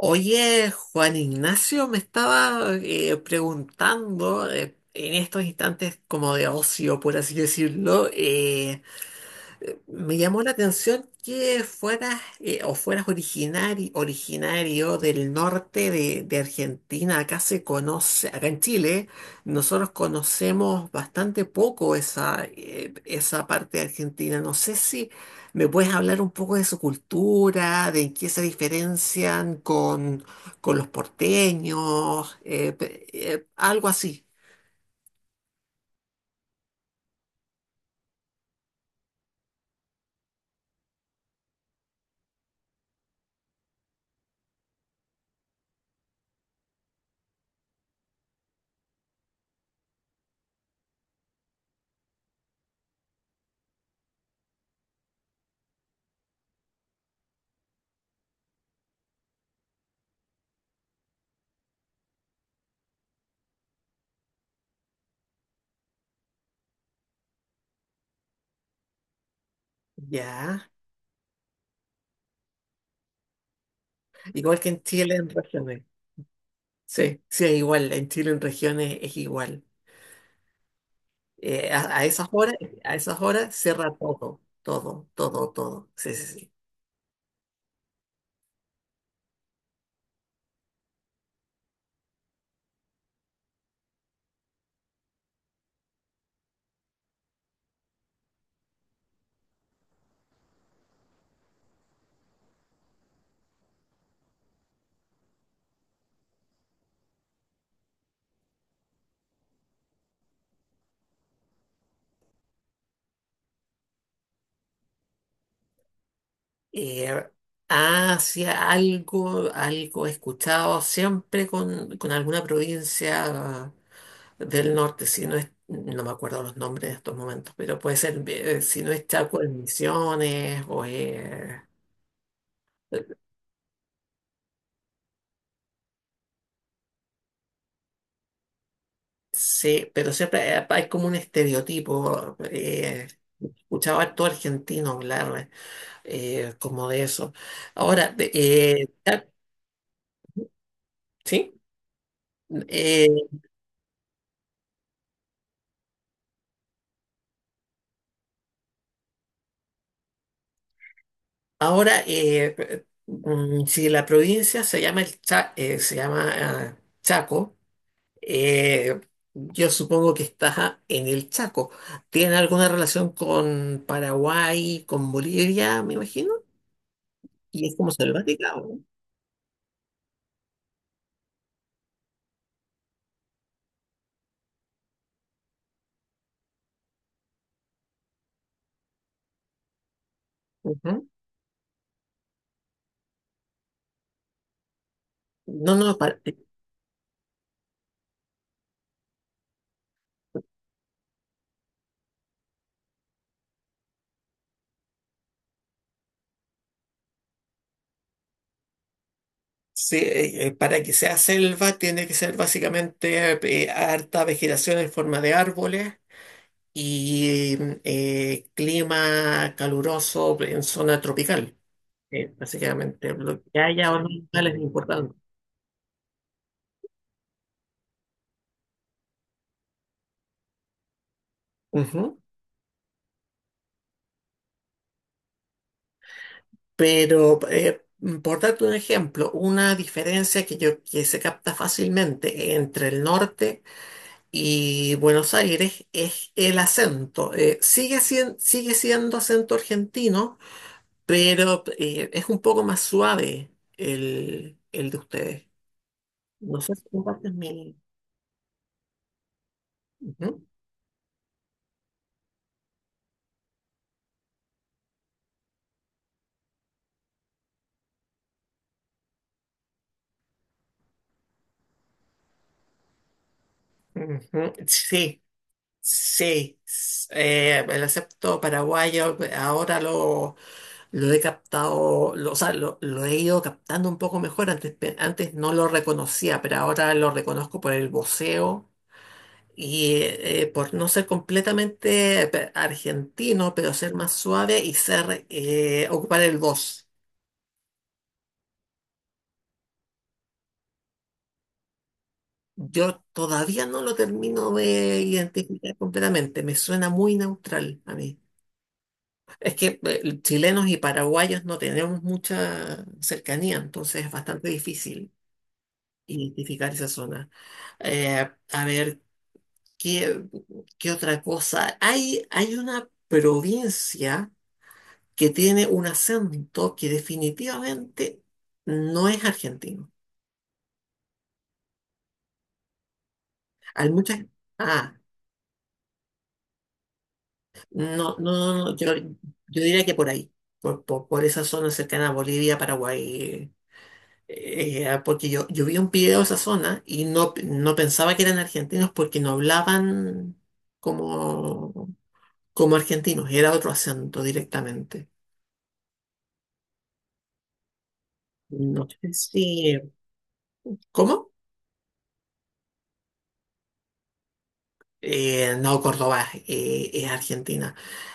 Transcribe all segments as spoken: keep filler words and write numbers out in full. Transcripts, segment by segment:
Oye, Juan Ignacio, me estaba eh, preguntando eh, en estos instantes como de ocio, por así decirlo, eh, me llamó la atención que fueras eh, o fueras originari- originario del norte de, de Argentina. Acá se conoce, acá en Chile, nosotros conocemos bastante poco esa, eh, esa parte de Argentina. No sé si me puedes hablar un poco de su cultura, de en qué se diferencian con, con los porteños, eh, pe- eh, algo así. Ya, igual que en Chile en región. Sí, sí, es igual, en Chile en regiones es igual. Eh, a, a esas horas, a esas horas cierra todo, todo, todo, todo. Sí, sí, sí. Eh, hacia algo, algo he escuchado siempre con, con alguna provincia del norte, si no es, no me acuerdo los nombres en estos momentos, pero puede ser, eh, si no es Chaco, en Misiones o eh, sí, pero siempre eh, hay como un estereotipo. Eh, escuchaba a todo argentino hablar, eh, como de eso. Ahora, de- eh, ah, sí, eh, ahora eh, eh, mm, si la provincia se llama el Cha- eh, se llama ah, Chaco, eh, yo supongo que está en el Chaco. ¿Tiene alguna relación con Paraguay, con Bolivia, me imagino? Y es como selvática, ¿o no? Ujú. No, no, para, sí, eh, eh, para que sea selva tiene que ser básicamente eh, harta vegetación en forma de árboles y mm, eh, clima caluroso en zona tropical. Eh, básicamente, lo que haya o no es importante. Ujú. Pero, eh, mm, por darte un ejemplo, una diferencia que, yo, que se capta fácilmente entre el norte y Buenos Aires es el acento. Eh, sigue, sien- sigue siendo acento argentino, pero eh, es un poco más suave el, el de ustedes. No sé si compartes mi... Ujú. Ujú, sí, sí. S- eh, el acepto paraguayo eh, ahora lo, lo he captado, lo, o sea, lo, lo he ido captando un poco mejor. Antes, pe- antes no lo reconocía, pero ahora lo reconozco por el voceo y eh, eh, por no ser completamente pe- argentino, pero ser más suave y ser eh, ocupar el voz. Yo todavía no lo termino de identificar completamente. Me suena muy neutral a mí. Es que eh, chilenos y paraguayos no tenemos mucha cercanía, entonces es bastante difícil identificar esa zona. Eh, a ver, ¿qué, qué otra cosa? Hay, hay una provincia que tiene un acento que definitivamente no es argentino. Hay muchas... Ah, no, no, no, no, yo, yo diría que por ahí, por, por, por esa zona cercana a Bolivia, Paraguay. eh, Era porque yo, yo vi un video de esa zona y no, no pensaba que eran argentinos porque no hablaban como, como argentinos, era otro acento directamente. No sé si... ¿Cómo? Eh, no, Córdoba eh, es Argentina.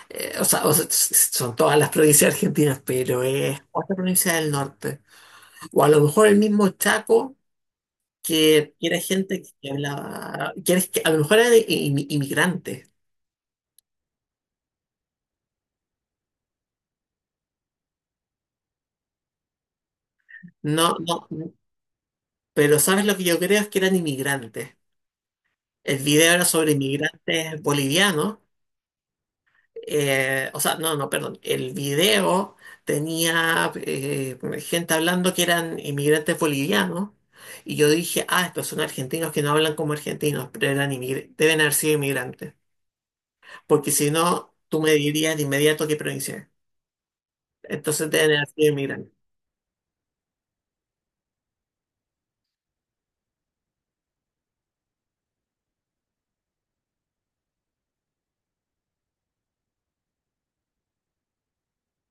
Eh, o sea, o sea, s- s- son todas las provincias argentinas, pero es otra provincia del norte. O a lo mejor el mismo Chaco, que era gente que hablaba, que, era- que a lo mejor eran inmigrantes. No, no. Pero ¿sabes lo que yo creo? Es que eran inmigrantes. El video era sobre inmigrantes bolivianos. Eh, o sea, no, no, perdón. El video tenía eh, gente hablando que eran inmigrantes bolivianos. Y yo dije, ah, estos son argentinos que no hablan como argentinos, pero eran inmigr- deben haber sido inmigrantes. Porque si no, tú me dirías de inmediato qué provincia es. Entonces deben haber sido inmigrantes.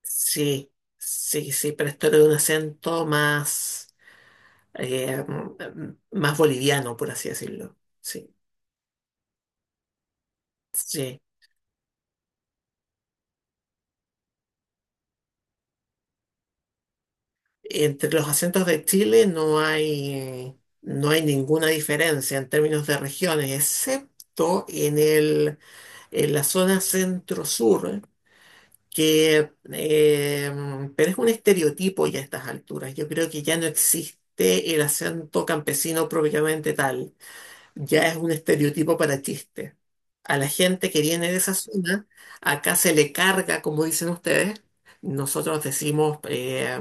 Sí, sí, sí, pero esto era de un acento más. eh, Más boliviano, por así decirlo. Sí, sí. Entre los acentos de Chile no hay, eh, no hay ninguna diferencia en términos de regiones, excepto en el, en la zona centro-sur, que, eh, pero es un estereotipo ya a estas alturas. Yo creo que ya no existe el acento campesino propiamente tal. Ya es un estereotipo para chiste. A la gente que viene de esa zona, acá se le carga, como dicen ustedes, nosotros decimos, eh,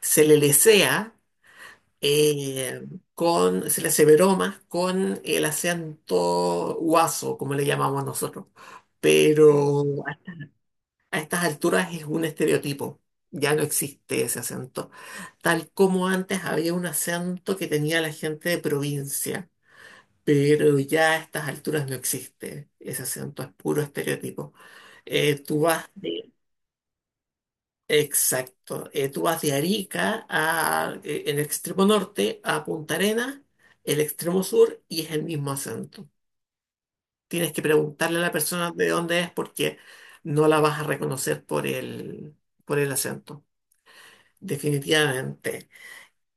se le lesea eh, con, se le hace bromas con el acento guaso, como le llamamos nosotros. Pero a a estas alturas es un estereotipo. Ya no existe ese acento. Tal como antes había un acento que tenía la gente de provincia, pero ya a estas alturas no existe. Ese acento es puro estereotipo. Eh, tú vas de, exacto, eh, tú vas de Arica a, eh, en el extremo norte, a Punta Arenas, el extremo sur, y es el mismo acento. Tienes que preguntarle a la persona de dónde es porque no la vas a reconocer por el, por el acento, definitivamente.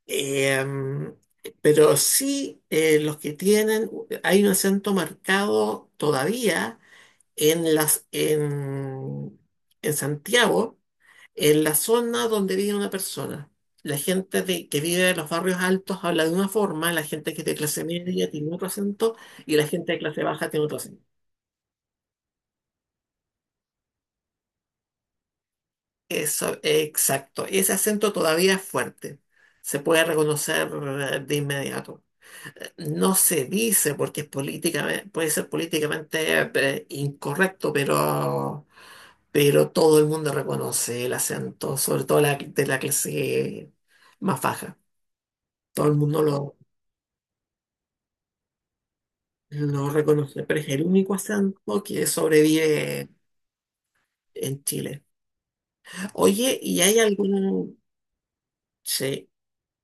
Em, pero sí, eh, los que tienen, hay un acento marcado todavía en las en, en Santiago, en la zona donde vive una persona. La gente de- que vive en los barrios altos habla de una forma, la gente que es de clase media tiene otro acento y la gente de clase baja tiene otro acento. Eso, exacto. Ese acento todavía es fuerte. Se puede reconocer eh, de inmediato. No se dice porque es políticamente, puede ser políticamente eh, incorrecto, pero pero todo el mundo reconoce el acento, sobre todo la, de la clase más baja. Todo el mundo lo, lo reconoce, pero es el único acento que sobrevive en Chile. Oye, ¿y hay algún, sí,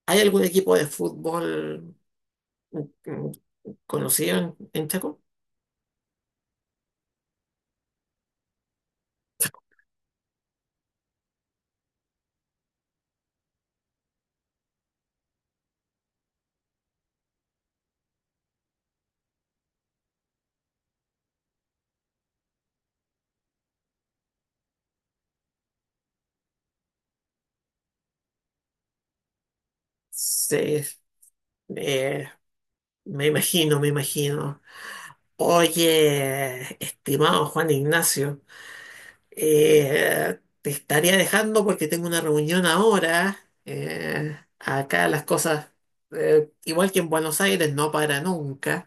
¿hay algún equipo de fútbol, mm, conocido en, en Chaco? Sí, eh, me imagino, me imagino. Oye, estimado Juan Ignacio. Eh, te estaría dejando porque tengo una reunión ahora. Eh, acá las cosas, eh, igual que en Buenos Aires, no para nunca.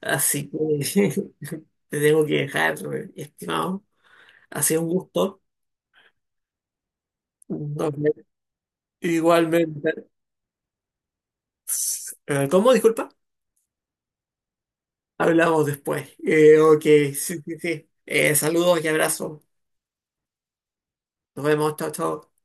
Así que te tengo que dejar, eh, estimado. Ha sido un gusto. Nos vemos. Igualmente. Eh, ¿Cómo? Disculpa. Hablamos después. Eh, ok, sí, sí, sí. Eh, saludos y abrazos. Nos vemos. Chao, chao.